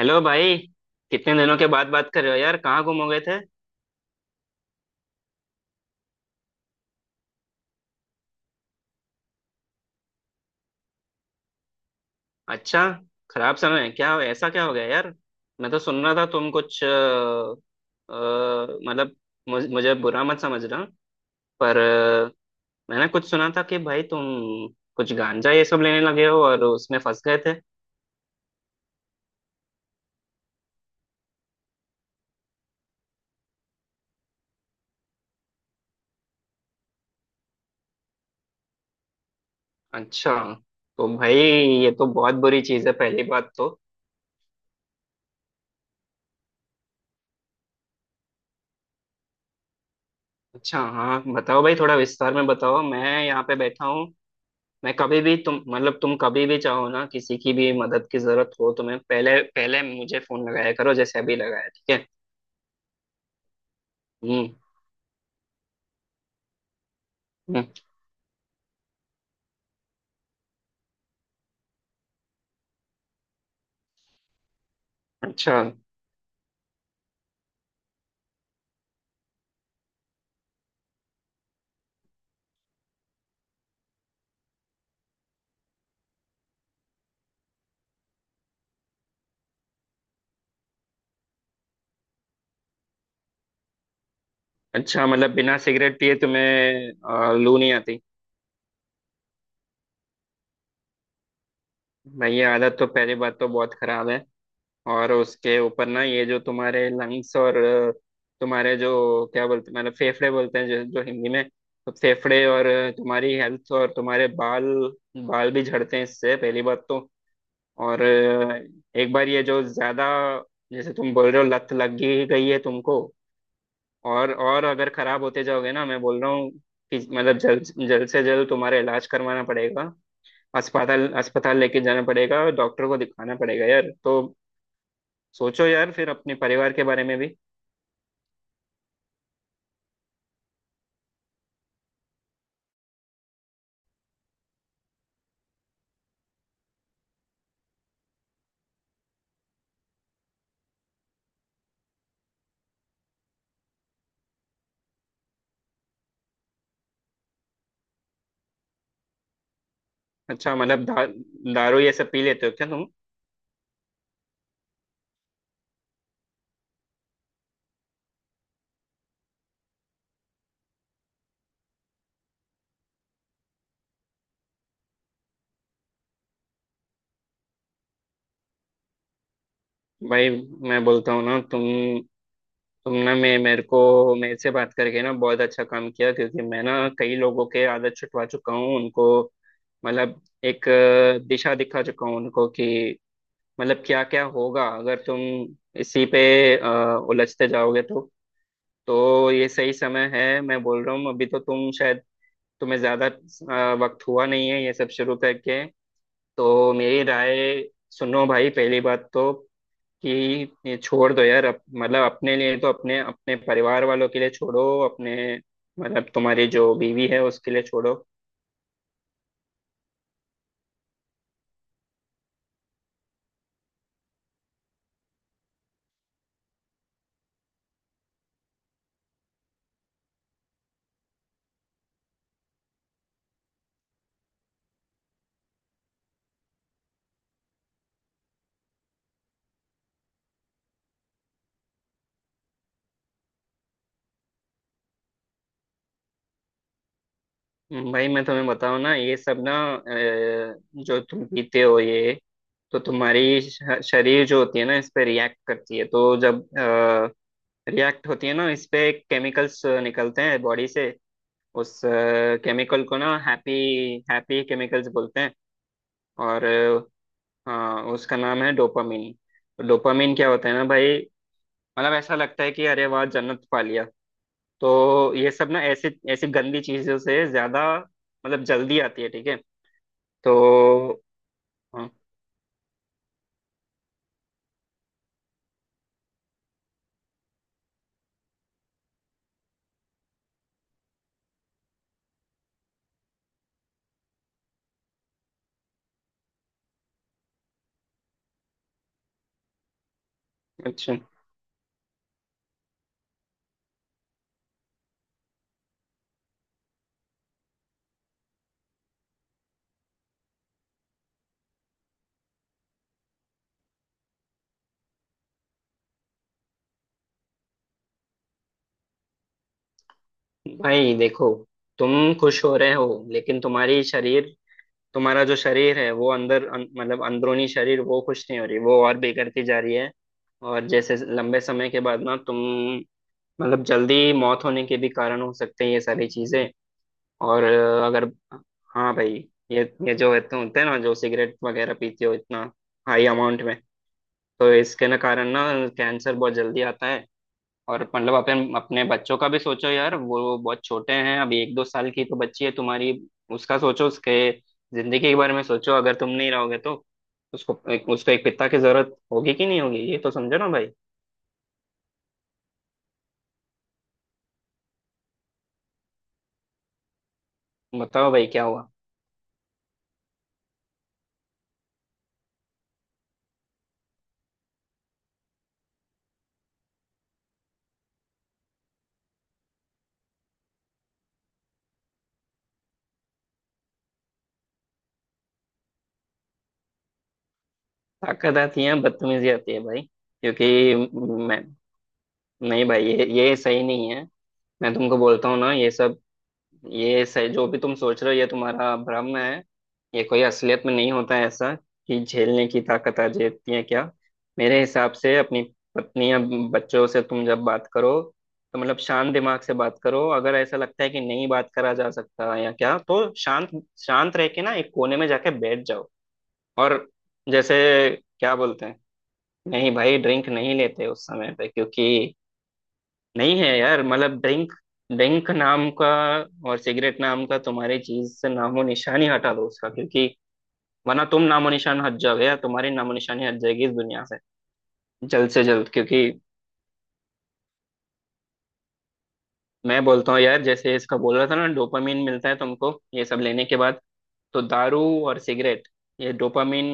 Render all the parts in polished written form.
Hello भाई। कितने दिनों के बाद बात कर रहे हो यार, कहाँ गुम हो गए थे? अच्छा, खराब समय है क्या? ऐसा क्या हो गया यार? मैं तो सुन रहा था तुम कुछ मतलब मुझे बुरा मत समझना, पर मैंने कुछ सुना था कि भाई तुम कुछ गांजा ये सब लेने लगे हो और उसमें फंस गए थे। अच्छा, तो भाई ये तो बहुत बुरी चीज़ है पहली बात तो। अच्छा, हाँ बताओ भाई, थोड़ा विस्तार में बताओ, मैं यहाँ पे बैठा हूँ। मैं कभी भी तुम तुम कभी भी चाहो ना, किसी की भी मदद की जरूरत हो तो मैं पहले पहले मुझे फोन लगाया करो, जैसे अभी लगाया, ठीक है। हम्म हम्म। अच्छा। अच्छा मतलब बिना सिगरेट पिए तुम्हें लू नहीं आती। भाई ये आदत तो पहली बात तो बहुत खराब है, और उसके ऊपर ना ये जो तुम्हारे लंग्स और तुम्हारे जो क्या बोलते, मतलब फेफड़े बोलते हैं जो हिंदी में। तो फेफड़े और तुम्हारी हेल्थ और तुम्हारे बाल, बाल भी झड़ते हैं इससे पहली बात तो। और एक बार ये जो ज्यादा, जैसे तुम बोल रहे हो लत लग ही गई है तुमको। और अगर खराब होते जाओगे ना, मैं बोल रहा हूँ कि मतलब जल्द जल्द से जल्द तुम्हारा इलाज करवाना पड़ेगा, अस्पताल अस्पताल लेके जाना पड़ेगा और डॉक्टर को दिखाना पड़ेगा यार। तो सोचो यार फिर अपने परिवार के बारे में भी। अच्छा मतलब दारू ये सब पी लेते हो क्या तुम? भाई मैं बोलता हूँ ना, तुम ना मैं मेरे को मेरे से बात करके ना बहुत अच्छा काम किया, क्योंकि मैं ना कई लोगों के आदत छुटवा चुका हूँ उनको, मतलब एक दिशा दिखा चुका हूँ उनको कि मतलब क्या क्या होगा अगर तुम इसी पे उलझते जाओगे तो। तो ये सही समय है मैं बोल रहा हूँ, अभी तो तुम शायद, तुम्हें ज्यादा वक्त हुआ नहीं है ये सब शुरू करके। तो मेरी राय सुनो भाई, पहली बात तो कि ये छोड़ दो यार, मतलब अपने लिए तो अपने, अपने परिवार वालों के लिए छोड़ो, अपने मतलब तुम्हारी जो बीवी है उसके लिए छोड़ो। भाई मैं तुम्हें बताऊं ना, ये सब ना जो तुम पीते हो ये तो तुम्हारी शरीर जो होती है ना इस पे रिएक्ट करती है, तो जब रिएक्ट होती है ना इस पे केमिकल्स निकलते हैं बॉडी से। उस केमिकल को ना हैप्पी, हैप्पी केमिकल्स बोलते हैं। और हाँ उसका नाम है डोपामिन। तो डोपामिन क्या होता है ना भाई, मतलब ऐसा लगता है कि अरे वाह जन्नत पा लिया। तो ये सब ना ऐसी ऐसी गंदी चीजों से ज्यादा मतलब जल्दी आती है, ठीक है। तो हाँ, अच्छा। भाई देखो, तुम खुश हो रहे हो लेकिन तुम्हारी शरीर, तुम्हारा जो शरीर है वो अंदर मतलब अंदरूनी शरीर वो खुश नहीं हो रही, वो और बिगड़ती जा रही है। और जैसे लंबे समय के बाद ना तुम, मतलब जल्दी मौत होने के भी कारण हो सकते हैं ये सारी चीजें। और अगर हाँ भाई, ये ये जो होते होते हैं ना, जो सिगरेट वगैरह पीते हो इतना हाई अमाउंट में, तो इसके ना कारण ना कैंसर बहुत जल्दी आता है। और मतलब अपने बच्चों का भी सोचो यार, वो बहुत छोटे हैं अभी, एक दो साल की तो बच्ची है तुम्हारी। उसका सोचो, उसके जिंदगी के बारे में सोचो, अगर तुम नहीं रहोगे तो उसको एक पिता की जरूरत होगी कि नहीं होगी, ये तो समझो ना भाई। बताओ भाई क्या हुआ? ताकत आती है, बदतमीजी आती है भाई। क्योंकि मैं, नहीं भाई ये सही नहीं है। मैं तुमको बोलता हूँ ना ये सब, ये सही, जो भी तुम सोच रहे हो ये तुम्हारा भ्रम है। ये कोई असलियत में नहीं होता है ऐसा कि झेलने की ताकत आ जाती है क्या। मेरे हिसाब से अपनी पत्नी या बच्चों से तुम जब बात करो तो मतलब शांत दिमाग से बात करो, अगर ऐसा लगता है कि नहीं बात करा जा सकता या क्या, तो शांत शांत रह के ना एक कोने में जाके बैठ जाओ। और जैसे क्या बोलते हैं, नहीं भाई ड्रिंक नहीं लेते उस समय पे, क्योंकि नहीं है यार मतलब ड्रिंक ड्रिंक नाम का और सिगरेट नाम का तुम्हारी चीज से नामो निशान ही हटा दो उसका, क्योंकि वरना तुम नामो निशान हट जाओगे या तुम्हारी नामो निशानी हट जाएगी इस दुनिया से। जल्द से जल्द, क्योंकि मैं बोलता हूँ यार, जैसे इसका बोल रहा था ना डोपामिन मिलता है तुमको ये सब लेने के बाद, तो दारू और सिगरेट ये डोपामिन,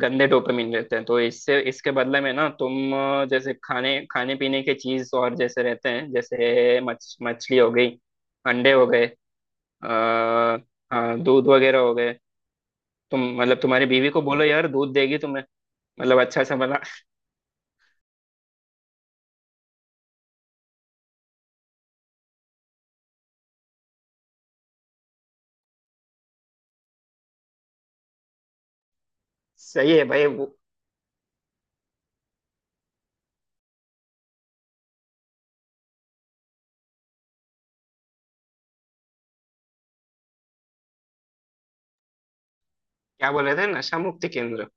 गंदे डोपामिन रहते हैं। तो इससे इसके बदले में ना तुम जैसे खाने खाने पीने के चीज और जैसे रहते हैं, जैसे मछ मछली हो गई, अंडे हो गए, आ, हाँ दूध वगैरह हो गए। तुम मतलब तुम्हारी बीवी को बोलो यार दूध देगी तुम्हें, मतलब अच्छा सा बना। सही है भाई वो। क्या बोल रहे थे, नशा मुक्ति केंद्र?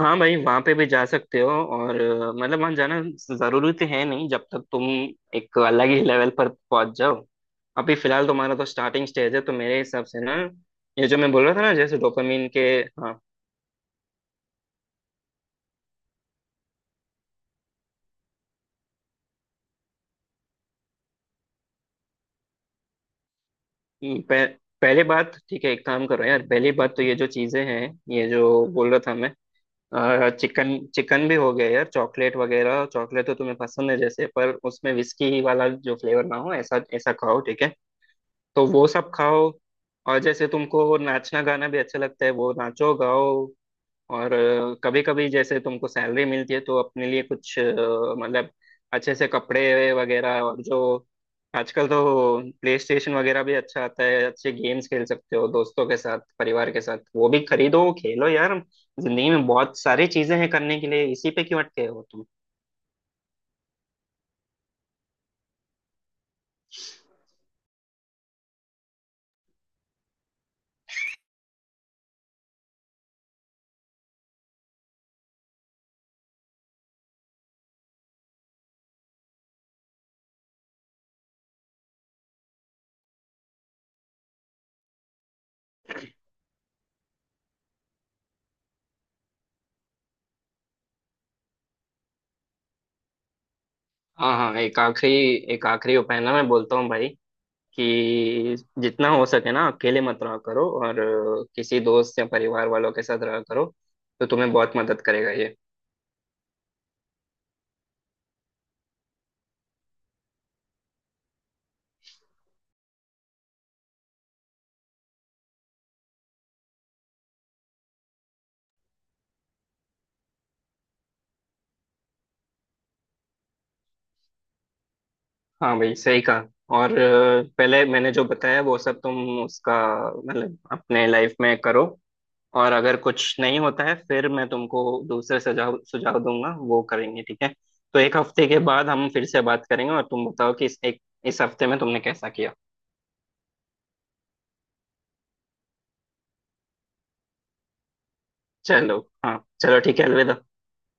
हाँ भाई वहाँ पे भी जा सकते हो, और मतलब वहाँ जाना जरूरी तो है नहीं जब तक तुम एक अलग ही लेवल पर पहुंच जाओ। अभी फिलहाल तुम्हारा तो स्टार्टिंग स्टेज है, तो मेरे हिसाब से ना ये जो मैं बोल रहा था ना, जैसे डोपामिन के। हाँ। पह, पहले बात, ठीक है एक काम करो यार, पहली बात तो ये जो चीजें हैं ये जो बोल रहा था मैं, और चिकन चिकन भी हो गया यार, चॉकलेट तो तुम्हें पसंद है जैसे, पर उसमें विस्की वाला जो फ्लेवर ना हो ऐसा ऐसा खाओ, ठीक है। तो वो सब खाओ, और जैसे तुमको नाचना गाना भी अच्छा लगता है वो नाचो गाओ। और कभी कभी जैसे तुमको सैलरी मिलती है तो अपने लिए कुछ मतलब अच्छे से कपड़े वगैरह, और जो आजकल तो प्ले स्टेशन वगैरह भी अच्छा आता है, अच्छे गेम्स खेल सकते हो दोस्तों के साथ परिवार के साथ, वो भी खरीदो खेलो यार। जिंदगी में बहुत सारी चीजें हैं करने के लिए, इसी पे क्यों अटके हो तुम। हाँ हाँ, एक आखिरी उपाय ना मैं बोलता हूँ भाई, कि जितना हो सके ना अकेले मत रहा करो, और किसी दोस्त या परिवार वालों के साथ रहा करो तो तुम्हें बहुत मदद करेगा ये। हाँ भाई सही कहा। और पहले मैंने जो बताया वो सब तुम उसका मतलब अपने लाइफ में करो, और अगर कुछ नहीं होता है फिर मैं तुमको दूसरे सुझाव सुझाव दूंगा, वो करेंगे ठीक है। तो एक हफ्ते के बाद हम फिर से बात करेंगे और तुम बताओ कि इस हफ्ते में तुमने कैसा किया। चलो, हाँ चलो ठीक है, अलविदा।